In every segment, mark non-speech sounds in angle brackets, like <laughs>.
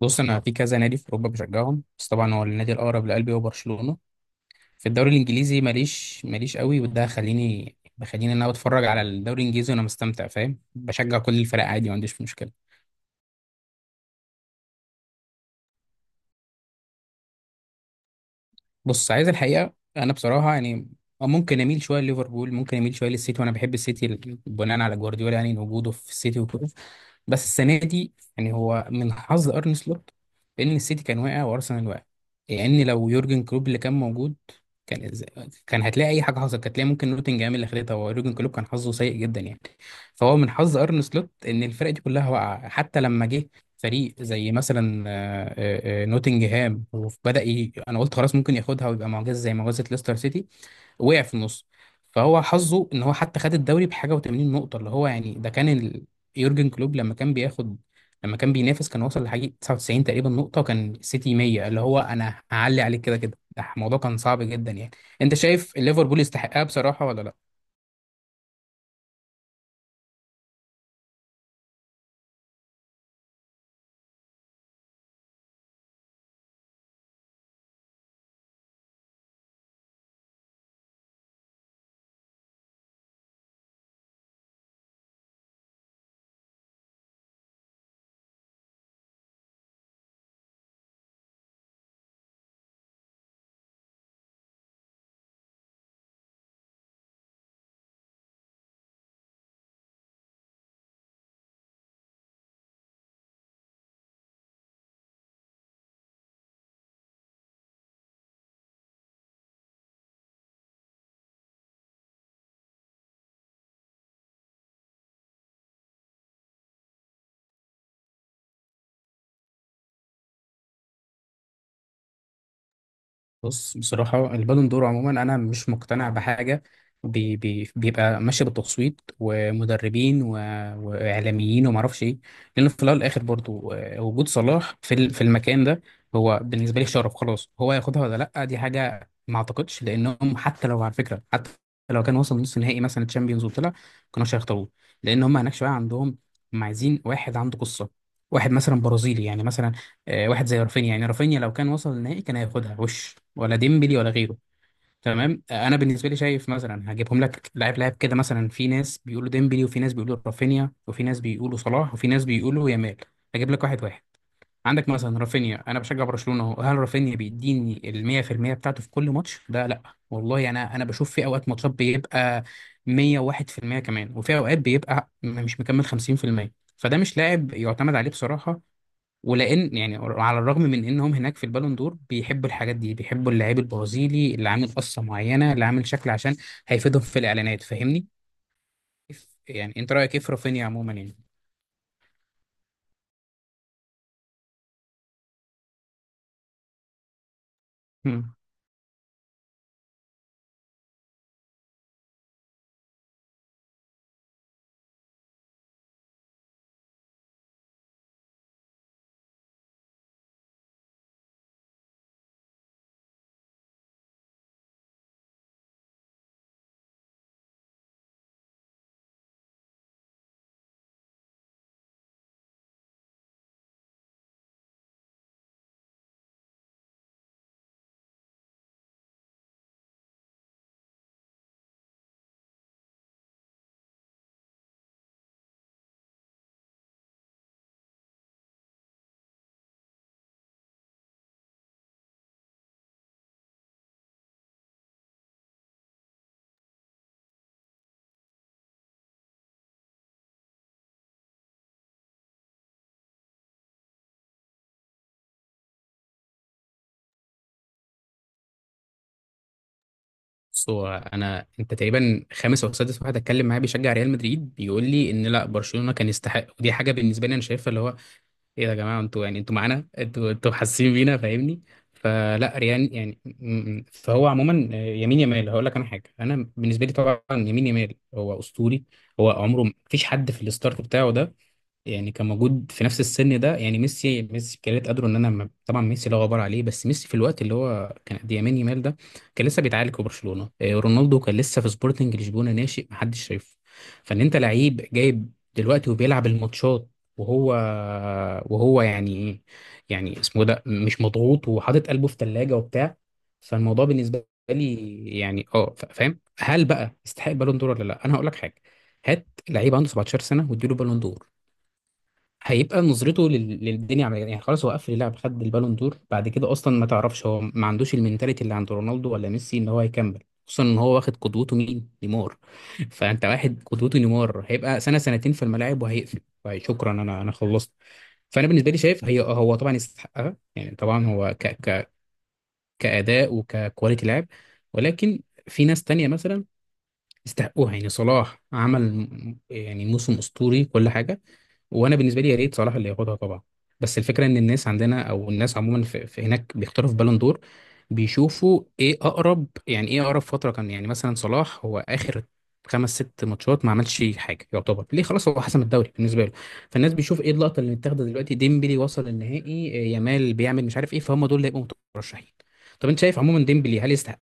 بص، انا في كذا نادي في اوروبا بشجعهم. بس طبعا هو النادي الاقرب لقلبي هو برشلونه. في الدوري الانجليزي ماليش قوي، وده بخليني ان انا بتفرج على الدوري الانجليزي وانا مستمتع، فاهم، بشجع كل الفرق عادي، ما عنديش مشكله. بص، عايز الحقيقه انا بصراحه يعني ممكن اميل شويه لليفربول، ممكن اميل شويه للسيتي، وانا بحب السيتي بناء على جوارديولا، يعني وجوده في السيتي وكده. بس السنه دي يعني هو من حظ ارني سلوت ان السيتي كان واقع وارسنال واقع، يعني لو يورجن كلوب اللي كان موجود كان إز- كان هتلاقي اي حاجه حصلت، كانت هتلاقي ممكن نوتنجهام اللي خدتها، ويورجن كلوب كان حظه سيء جدا يعني. فهو من حظ ارن سلوت ان الفرق دي كلها واقعه، حتى لما جه فريق زي مثلا نوتنجهام، انا قلت خلاص ممكن ياخدها ويبقى معجزه زي معجزه ليستر سيتي. وقع في النص. فهو حظه ان هو حتى خد الدوري بحاجه و80 نقطه، اللي هو يعني ده كان يورجن كلوب لما كان بينافس كان وصل لحاجه 99 تقريبا نقطه، وكان السيتي 100، اللي هو انا هعلي عليك كده كده، ده الموضوع كان صعب جدا يعني. انت شايف ليفربول يستحقها بصراحه ولا لا؟ بص، بصراحة البالون دور عموما أنا مش مقتنع بحاجة، بي بي بيبقى ماشي بالتصويت، ومدربين، وإعلاميين، ومعرفش إيه، لأن في الأول والآخر برضو، وجود صلاح في المكان ده هو بالنسبة لي شرف. خلاص هو ياخدها ولا لأ دي حاجة ما أعتقدش، لأنهم حتى لو، على فكرة، حتى لو كان وصل نص نهائي مثلا تشامبيونز وطلع كانوش هيختاروه، لأن هم هناك شوية، عندهم هم عايزين واحد عنده قصة، واحد مثلا برازيلي، يعني مثلا واحد زي رافينيا، يعني رافينيا لو كان وصل للنهائي كان هياخدها، وش ولا ديمبلي ولا غيره. تمام. انا بالنسبه لي شايف، مثلا هجيبهم لك لاعب لاعب كده، مثلا في ناس بيقولوا ديمبلي، وفي ناس بيقولوا رافينيا، وفي ناس بيقولوا صلاح، وفي ناس بيقولوا يامال. هجيب لك واحد واحد. عندك مثلا رافينيا، انا بشجع برشلونه اهو، هل رافينيا بيديني ال 100% بتاعته في كل ماتش؟ ده لا، والله انا بشوف في اوقات ماتشات بيبقى 101% كمان، وفي اوقات بيبقى مش مكمل 50%. فده مش لاعب يعتمد عليه بصراحه، ولان يعني على الرغم من انهم هناك في البالون دور بيحبوا الحاجات دي، بيحبوا اللعيب البرازيلي اللي عامل قصه معينه، اللي عامل شكل عشان هيفيدهم في الاعلانات، فاهمني. يعني انت رايك ايه في رافينيا عموما يعني؟ مم. بص، هو انا انت تقريبا خامس او سادس واحد اتكلم معاه بيشجع ريال مدريد، بيقول لي ان لا، برشلونه كان يستحق، ودي حاجه بالنسبه لي انا شايفها اللي هو، ايه ده يا جماعه؟ انتوا يعني، انتوا معانا، انتوا حاسين بينا، فاهمني. فلا ريان يعني فهو عموما يمين يمال هقول لك انا حاجه. انا بالنسبه لي طبعا يمين يمال هو اسطوري، هو عمره ما فيش حد في الستارت بتاعه ده، يعني كان موجود في نفس السن ده. يعني ميسي كانت قادره ان طبعا ميسي لا غبار عليه، بس ميسي في الوقت اللي هو كان قد يمين يمال ده كان لسه بيتعالج في برشلونه. رونالدو كان لسه في سبورتنج لشبونه، ناشئ محدش شايفه. فان انت لعيب جايب دلوقتي وبيلعب الماتشات، وهو وهو يعني ايه، يعني اسمه ده مش مضغوط، وحاطط قلبه في ثلاجه وبتاع. فالموضوع بالنسبه لي يعني فاهم، هل بقى يستحق بالون دور ولا لا؟ انا هقول لك حاجه. هات لعيب عنده 17 سنه واديله بالون دور، هيبقى نظرته للدنيا عملية يعني، خلاص هو قفل اللعب، خد البالون دور بعد كده، اصلا ما تعرفش هو ما عندوش المنتاليتي اللي عند رونالدو ولا ميسي ان هو هيكمل، خصوصا ان هو واخد قدوته مين؟ نيمار. <laughs> فانت واحد قدوته نيمار هيبقى سنة سنتين في الملاعب وهيقفل. طيب شكرا، انا خلصت. فانا بالنسبه لي شايف هو طبعا يستحقها، يعني طبعا هو ك ك كاداء وككواليتي لعب، ولكن في ناس تانية مثلا يستحقوها، يعني صلاح عمل يعني موسم اسطوري كل حاجه، وانا بالنسبه لي يا ريت صلاح اللي ياخدها طبعا. بس الفكره ان الناس عندنا او الناس عموما في هناك بيختاروا في بالون دور، بيشوفوا ايه اقرب، يعني ايه اقرب فتره كان. يعني مثلا صلاح هو اخر خمس ست ماتشات ما عملش حاجه، يعتبر ليه خلاص هو حسم الدوري بالنسبه له. فالناس بيشوف ايه اللقطه اللي اتاخدت دلوقتي. ديمبلي وصل النهائي، يامال بيعمل مش عارف ايه، فهم دول اللي هيبقوا مترشحين. طب انت شايف عموما ديمبلي هل يستحق؟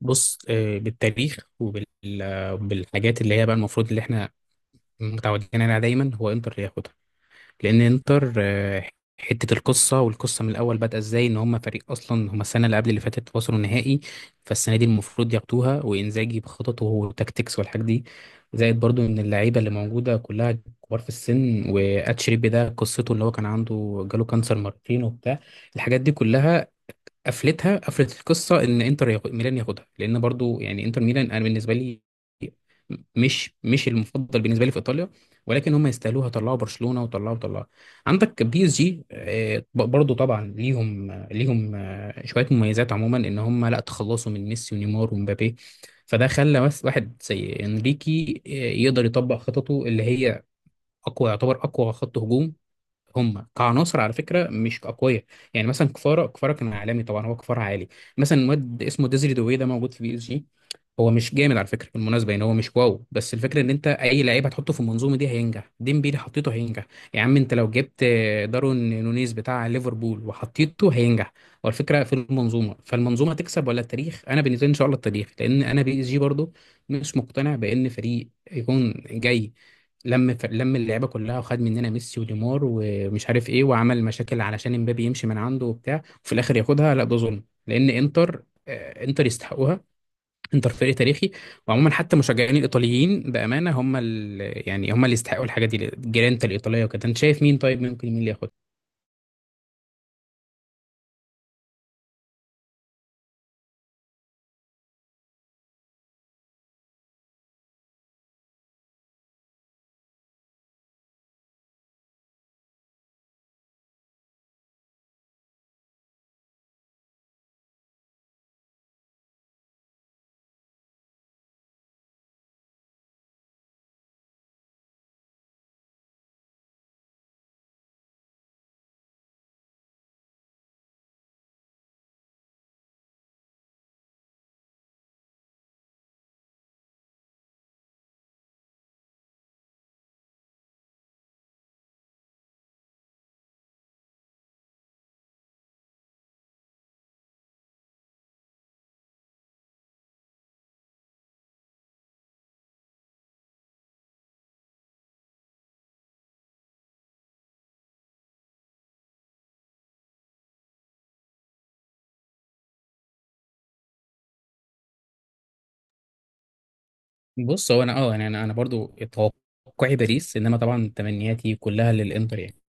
بص، بالتاريخ وبالحاجات اللي هي بقى المفروض اللي احنا متعودين عليها دايما، هو انتر اللي ياخدها، لان انتر حته القصه، والقصه من الاول بدأ ازاي، ان هم فريق، اصلا هم السنه اللي قبل اللي فاتت وصلوا نهائي. فالسنه دي المفروض ياخدوها، وانزاجي بخططه وتكتيكس والحاجات دي، زائد برضو ان اللعيبه اللي موجوده كلها كبار في السن، واتشيربي ده قصته اللي هو كان عنده، جاله كانسر مرتين وبتاع الحاجات دي كلها، قفلت القصه، ان ميلان ياخدها، لان برضو يعني انتر ميلان انا بالنسبه لي مش المفضل بالنسبه لي في ايطاليا، ولكن هم يستاهلوها، طلعوا برشلونه، وطلعوا. عندك بي اس جي، برضو طبعا ليهم ليهم شويه مميزات عموما، ان هم لا، تخلصوا من ميسي ونيمار ومبابي، فده خلى بس واحد زي انريكي يقدر يطبق خططه اللي هي اقوى، يعتبر اقوى خط هجوم. هم كعناصر على فكره مش اقوياء، يعني مثلا كفاره كان عالمي، طبعا هو كفاره عالي. مثلا واد اسمه ديزري دوي ده موجود في بي اس جي، هو مش جامد على فكره بالمناسبه، يعني هو مش واو، بس الفكره ان انت اي لعيب هتحطه في المنظومه دي هينجح. ديمبيلي حطيته هينجح، يا عم انت لو جبت دارون نونيز بتاع ليفربول وحطيته هينجح. هو الفكره في المنظومه، فالمنظومه تكسب ولا التاريخ؟ انا بالنسبه لي ان شاء الله التاريخ، لان انا بي اس جي برضو مش مقتنع بان فريق يكون جاي لم اللعيبه كلها، وخد مننا ميسي ونيمار ومش عارف ايه، وعمل مشاكل علشان امبابي يمشي من عنده وبتاع، وفي الاخر ياخدها؟ لا، ده ظلم، لان انتر يستحقوها. انتر فريق تاريخي. وعموما حتى مشجعين الايطاليين بامانه هم يعني هم اللي يستحقوا الحاجات دي، الجرينتا الايطاليه وكده. انت شايف مين؟ طيب ممكن مين اللي ياخدها؟ بص، هو انا يعني انا برضو توقعي باريس، انما طبعا تمنياتي كلها للانتر يعني.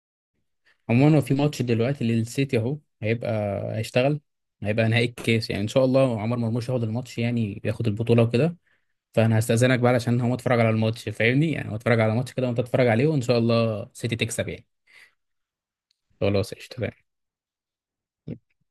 عموما هو في ماتش دلوقتي للسيتي اهو، هيشتغل هيبقى نهائي الكاس، يعني ان شاء الله عمر مرموش ياخد الماتش، يعني ياخد البطوله وكده. فانا هستاذنك بقى علشان هو اتفرج على الماتش، فاهمني، يعني هو اتفرج على ماتش كده، وانت اتفرج عليه، وان شاء الله سيتي تكسب يعني. خلاص، قشطه. تمام.